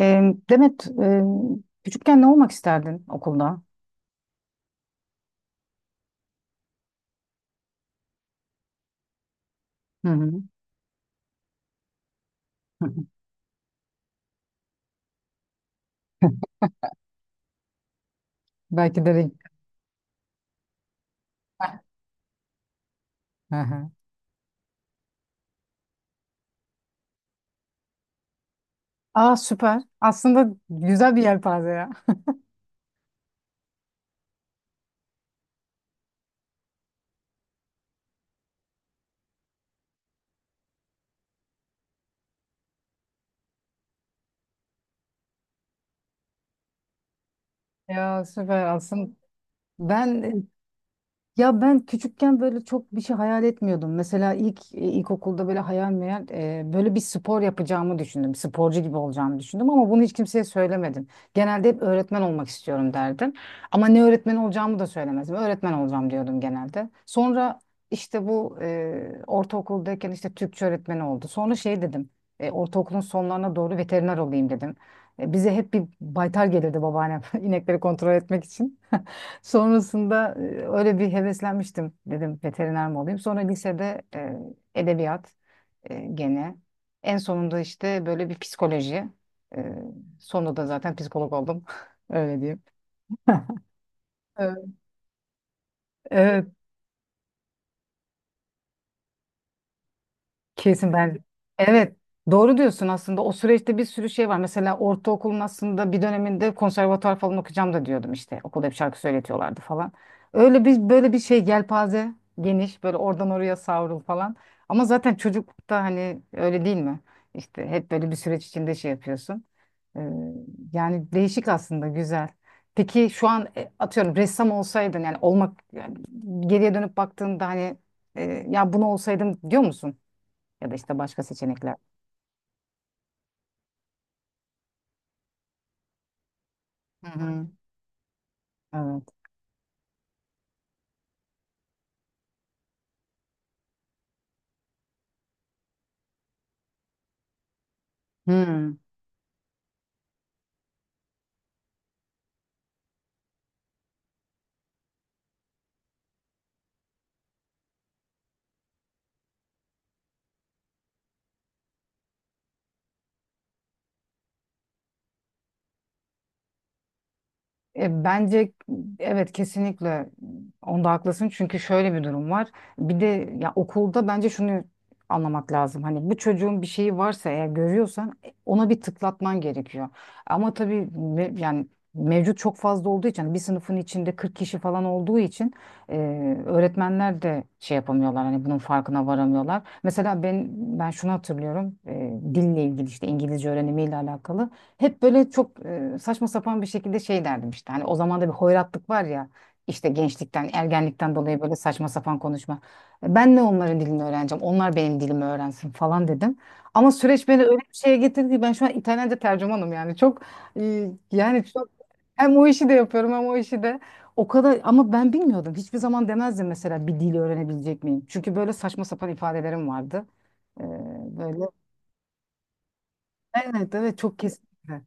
Demet, küçükken ne olmak isterdin okulda? Hı hı. Hı hı. Belki de renk- Hı hı. Aa, süper. Aslında güzel bir yelpaze ya. Ya, süper aslında. Ben Ya ben küçükken böyle çok bir şey hayal etmiyordum. Mesela ilk ilkokulda böyle hayal meyal böyle bir spor yapacağımı düşündüm. Sporcu gibi olacağımı düşündüm ama bunu hiç kimseye söylemedim. Genelde hep öğretmen olmak istiyorum derdim. Ama ne öğretmen olacağımı da söylemezdim. Öğretmen olacağım diyordum genelde. Sonra işte bu ortaokuldayken işte Türkçe öğretmeni oldu. Sonra şey dedim. Ortaokulun sonlarına doğru veteriner olayım dedim. Bize hep bir baytar gelirdi babaannem inekleri kontrol etmek için. Sonrasında öyle bir heveslenmiştim, dedim veteriner mi olayım. Sonra lisede edebiyat gene. En sonunda işte böyle bir psikoloji. E, Sonunda da zaten psikolog oldum. Öyle diyeyim. Evet. Kesin ben. Evet, doğru diyorsun aslında. O süreçte bir sürü şey var. Mesela ortaokulun aslında bir döneminde konservatuvar falan okuyacağım da diyordum işte. Okulda bir şarkı söyletiyorlardı falan. Öyle bir, böyle bir şey yelpaze geniş, böyle oradan oraya savrul falan. Ama zaten çocuklukta hani öyle değil mi? İşte hep böyle bir süreç içinde şey yapıyorsun. Ee, Yani değişik aslında, güzel. Peki şu an atıyorum ressam olsaydın, yani olmak, yani geriye dönüp baktığında hani e, ya bunu olsaydım diyor musun? Ya da işte başka seçenekler. Hı hı. Evet. Hı. Bence evet, kesinlikle onda haklısın, çünkü şöyle bir durum var. Bir de ya okulda bence şunu anlamak lazım. Hani bu çocuğun bir şeyi varsa eğer, görüyorsan ona bir tıklatman gerekiyor. Ama tabii yani mevcut çok fazla olduğu için, hani bir sınıfın içinde 40 kişi falan olduğu için e, öğretmenler de şey yapamıyorlar. Hani bunun farkına varamıyorlar. Mesela ben şunu hatırlıyorum. Dille ilgili, işte İngilizce öğrenimiyle alakalı. Hep böyle çok saçma sapan bir şekilde şey derdim işte. Hani o zaman da bir hoyratlık var ya. İşte gençlikten, ergenlikten dolayı böyle saçma sapan konuşma. Ben ne onların dilini öğreneceğim, onlar benim dilimi öğrensin falan dedim. Ama süreç beni öyle bir şeye getirdi ki ben şu an İtalyanca tercümanım, yani. Çok yani çok, hem o işi de yapıyorum hem o işi de. O kadar, ama ben bilmiyordum. Hiçbir zaman demezdim, mesela bir dili öğrenebilecek miyim? Çünkü böyle saçma sapan ifadelerim vardı. E, Böyle. Evet, evet, çok, kesinlikle.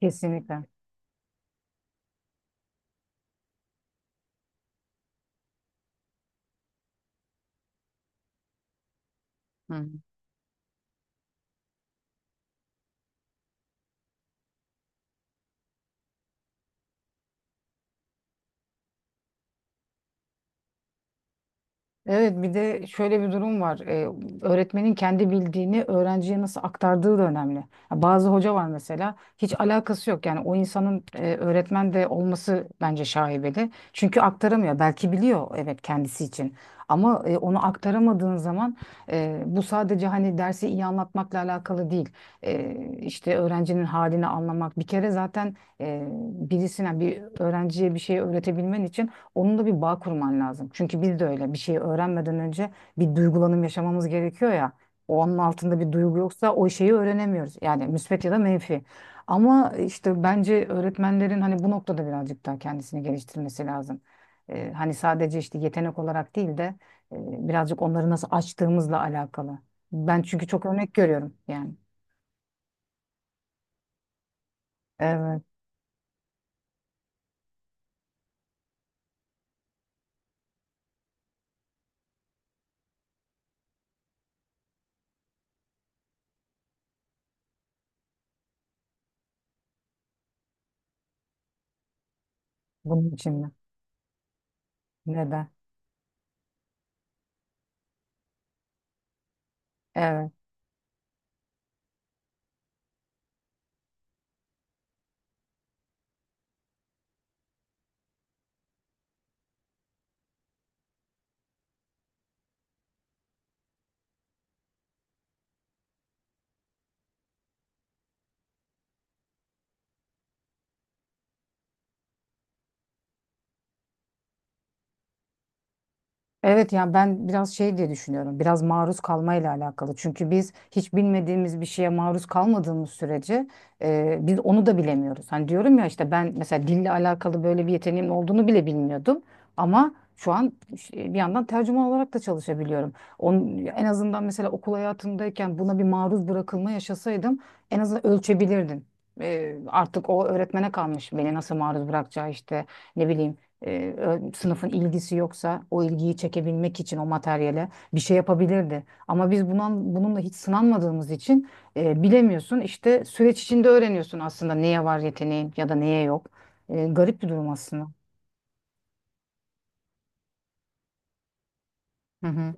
Kesinlikle. Hı. Evet, bir de şöyle bir durum var. Öğretmenin kendi bildiğini öğrenciye nasıl aktardığı da önemli. Ya, bazı hoca var mesela, hiç alakası yok. Yani o insanın öğretmen de olması bence şaibeli. Çünkü aktaramıyor. Belki biliyor, evet, kendisi için. Ama onu aktaramadığın zaman bu sadece hani dersi iyi anlatmakla alakalı değil. E, işte öğrencinin halini anlamak. Bir kere zaten e, birisine, bir öğrenciye bir şey öğretebilmen için onun da bir bağ kurman lazım. Çünkü biz de öyle bir şeyi öğrenmeden önce bir duygulanım yaşamamız gerekiyor ya. O, onun altında bir duygu yoksa o şeyi öğrenemiyoruz. Yani müsbet ya da menfi. Ama işte bence öğretmenlerin hani bu noktada birazcık daha kendisini geliştirmesi lazım. Hani sadece işte yetenek olarak değil de birazcık onları nasıl açtığımızla alakalı. Ben çünkü çok örnek görüyorum yani. Evet, bunun için de. Neden? Evet. Evet, yani ben biraz şey diye düşünüyorum. Biraz maruz kalmayla alakalı. Çünkü biz hiç bilmediğimiz bir şeye maruz kalmadığımız sürece biz onu da bilemiyoruz. Hani diyorum ya, işte ben mesela dille alakalı böyle bir yeteneğim olduğunu bile bilmiyordum. Ama şu an bir yandan tercüman olarak da çalışabiliyorum. Onun, en azından mesela okul hayatımdayken buna bir maruz bırakılma yaşasaydım, en azından ölçebilirdim. Artık o öğretmene kalmış beni nasıl maruz bırakacağı, işte ne bileyim, sınıfın ilgisi yoksa o ilgiyi çekebilmek için o materyale bir şey yapabilirdi. Ama biz bununla hiç sınanmadığımız için bilemiyorsun. İşte süreç içinde öğreniyorsun aslında neye var yeteneğin ya da neye yok. Garip bir durum aslında. Hı hı.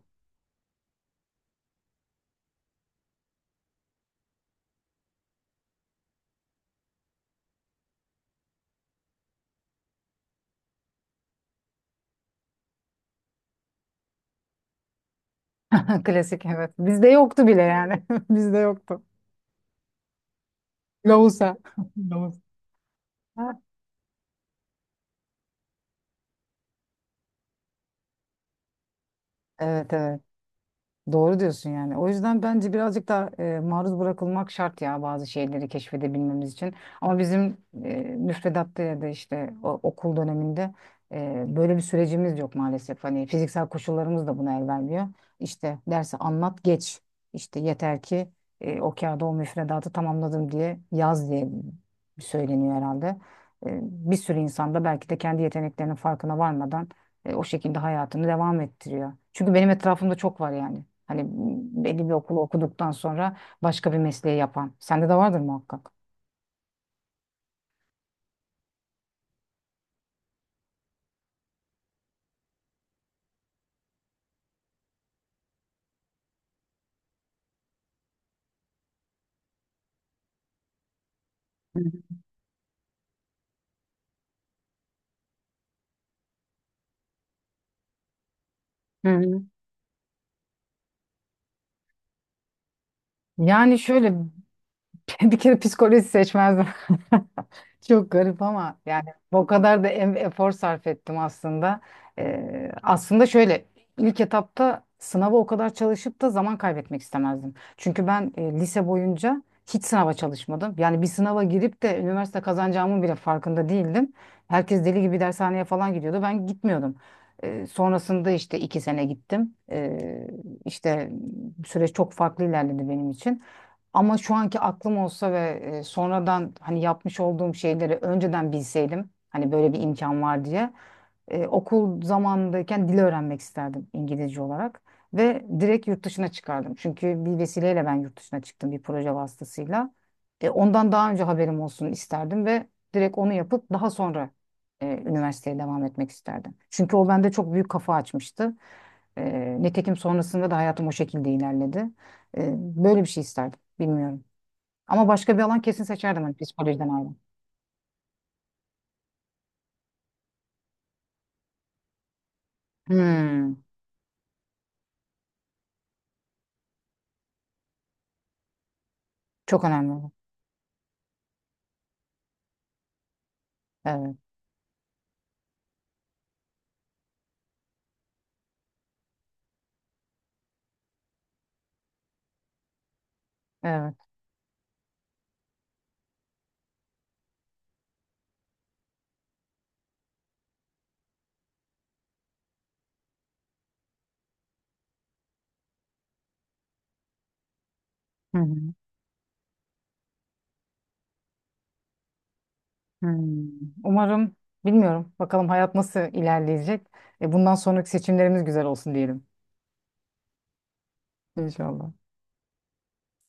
Klasik, evet. Bizde yoktu bile yani. Bizde yoktu. Loğusa. Loğusa. Evet, evet. Doğru diyorsun yani. O yüzden bence birazcık da maruz bırakılmak şart ya, bazı şeyleri keşfedebilmemiz için. Ama bizim müfredatta ya da işte okul döneminde böyle bir sürecimiz yok maalesef. Hani fiziksel koşullarımız da buna el vermiyor. İşte dersi anlat, geç. İşte yeter ki o kağıda o müfredatı tamamladım diye yaz diye söyleniyor herhalde. Bir sürü insan da belki de kendi yeteneklerinin farkına varmadan o şekilde hayatını devam ettiriyor. Çünkü benim etrafımda çok var yani. Hani belli bir okulu okuduktan sonra başka bir mesleği yapan. Sende de vardır muhakkak. Hı hı. Hı hı. Yani şöyle. Bir kere psikoloji seçmezdim. Çok garip ama yani o kadar da efor sarf ettim aslında. Aslında şöyle, ilk etapta sınava o kadar çalışıp da zaman kaybetmek istemezdim. Çünkü ben lise boyunca hiç sınava çalışmadım. Yani bir sınava girip de üniversite kazanacağımın bile farkında değildim. Herkes deli gibi dershaneye falan gidiyordu. Ben gitmiyordum. Sonrasında işte 2 sene gittim. İşte süreç çok farklı ilerledi benim için. Ama şu anki aklım olsa ve sonradan hani yapmış olduğum şeyleri önceden bilseydim, hani böyle bir imkan var diye, okul zamanındayken dil öğrenmek isterdim, İngilizce olarak, ve direkt yurt dışına çıkardım. Çünkü bir vesileyle ben yurt dışına çıktım, bir proje vasıtasıyla. Ondan daha önce haberim olsun isterdim ve direkt onu yapıp daha sonra üniversiteye devam etmek isterdim. Çünkü o bende çok büyük kafa açmıştı. Nitekim sonrasında da hayatım o şekilde ilerledi. Böyle bir şey isterdim. Bilmiyorum. Ama başka bir alan kesin seçerdim ben, psikolojiden ayrı. Hmm, çok önemli bu. Evet, evet. Hı hı. Hmm. Umarım, bilmiyorum. Bakalım hayat nasıl ilerleyecek. Bundan sonraki seçimlerimiz güzel olsun diyelim. İnşallah.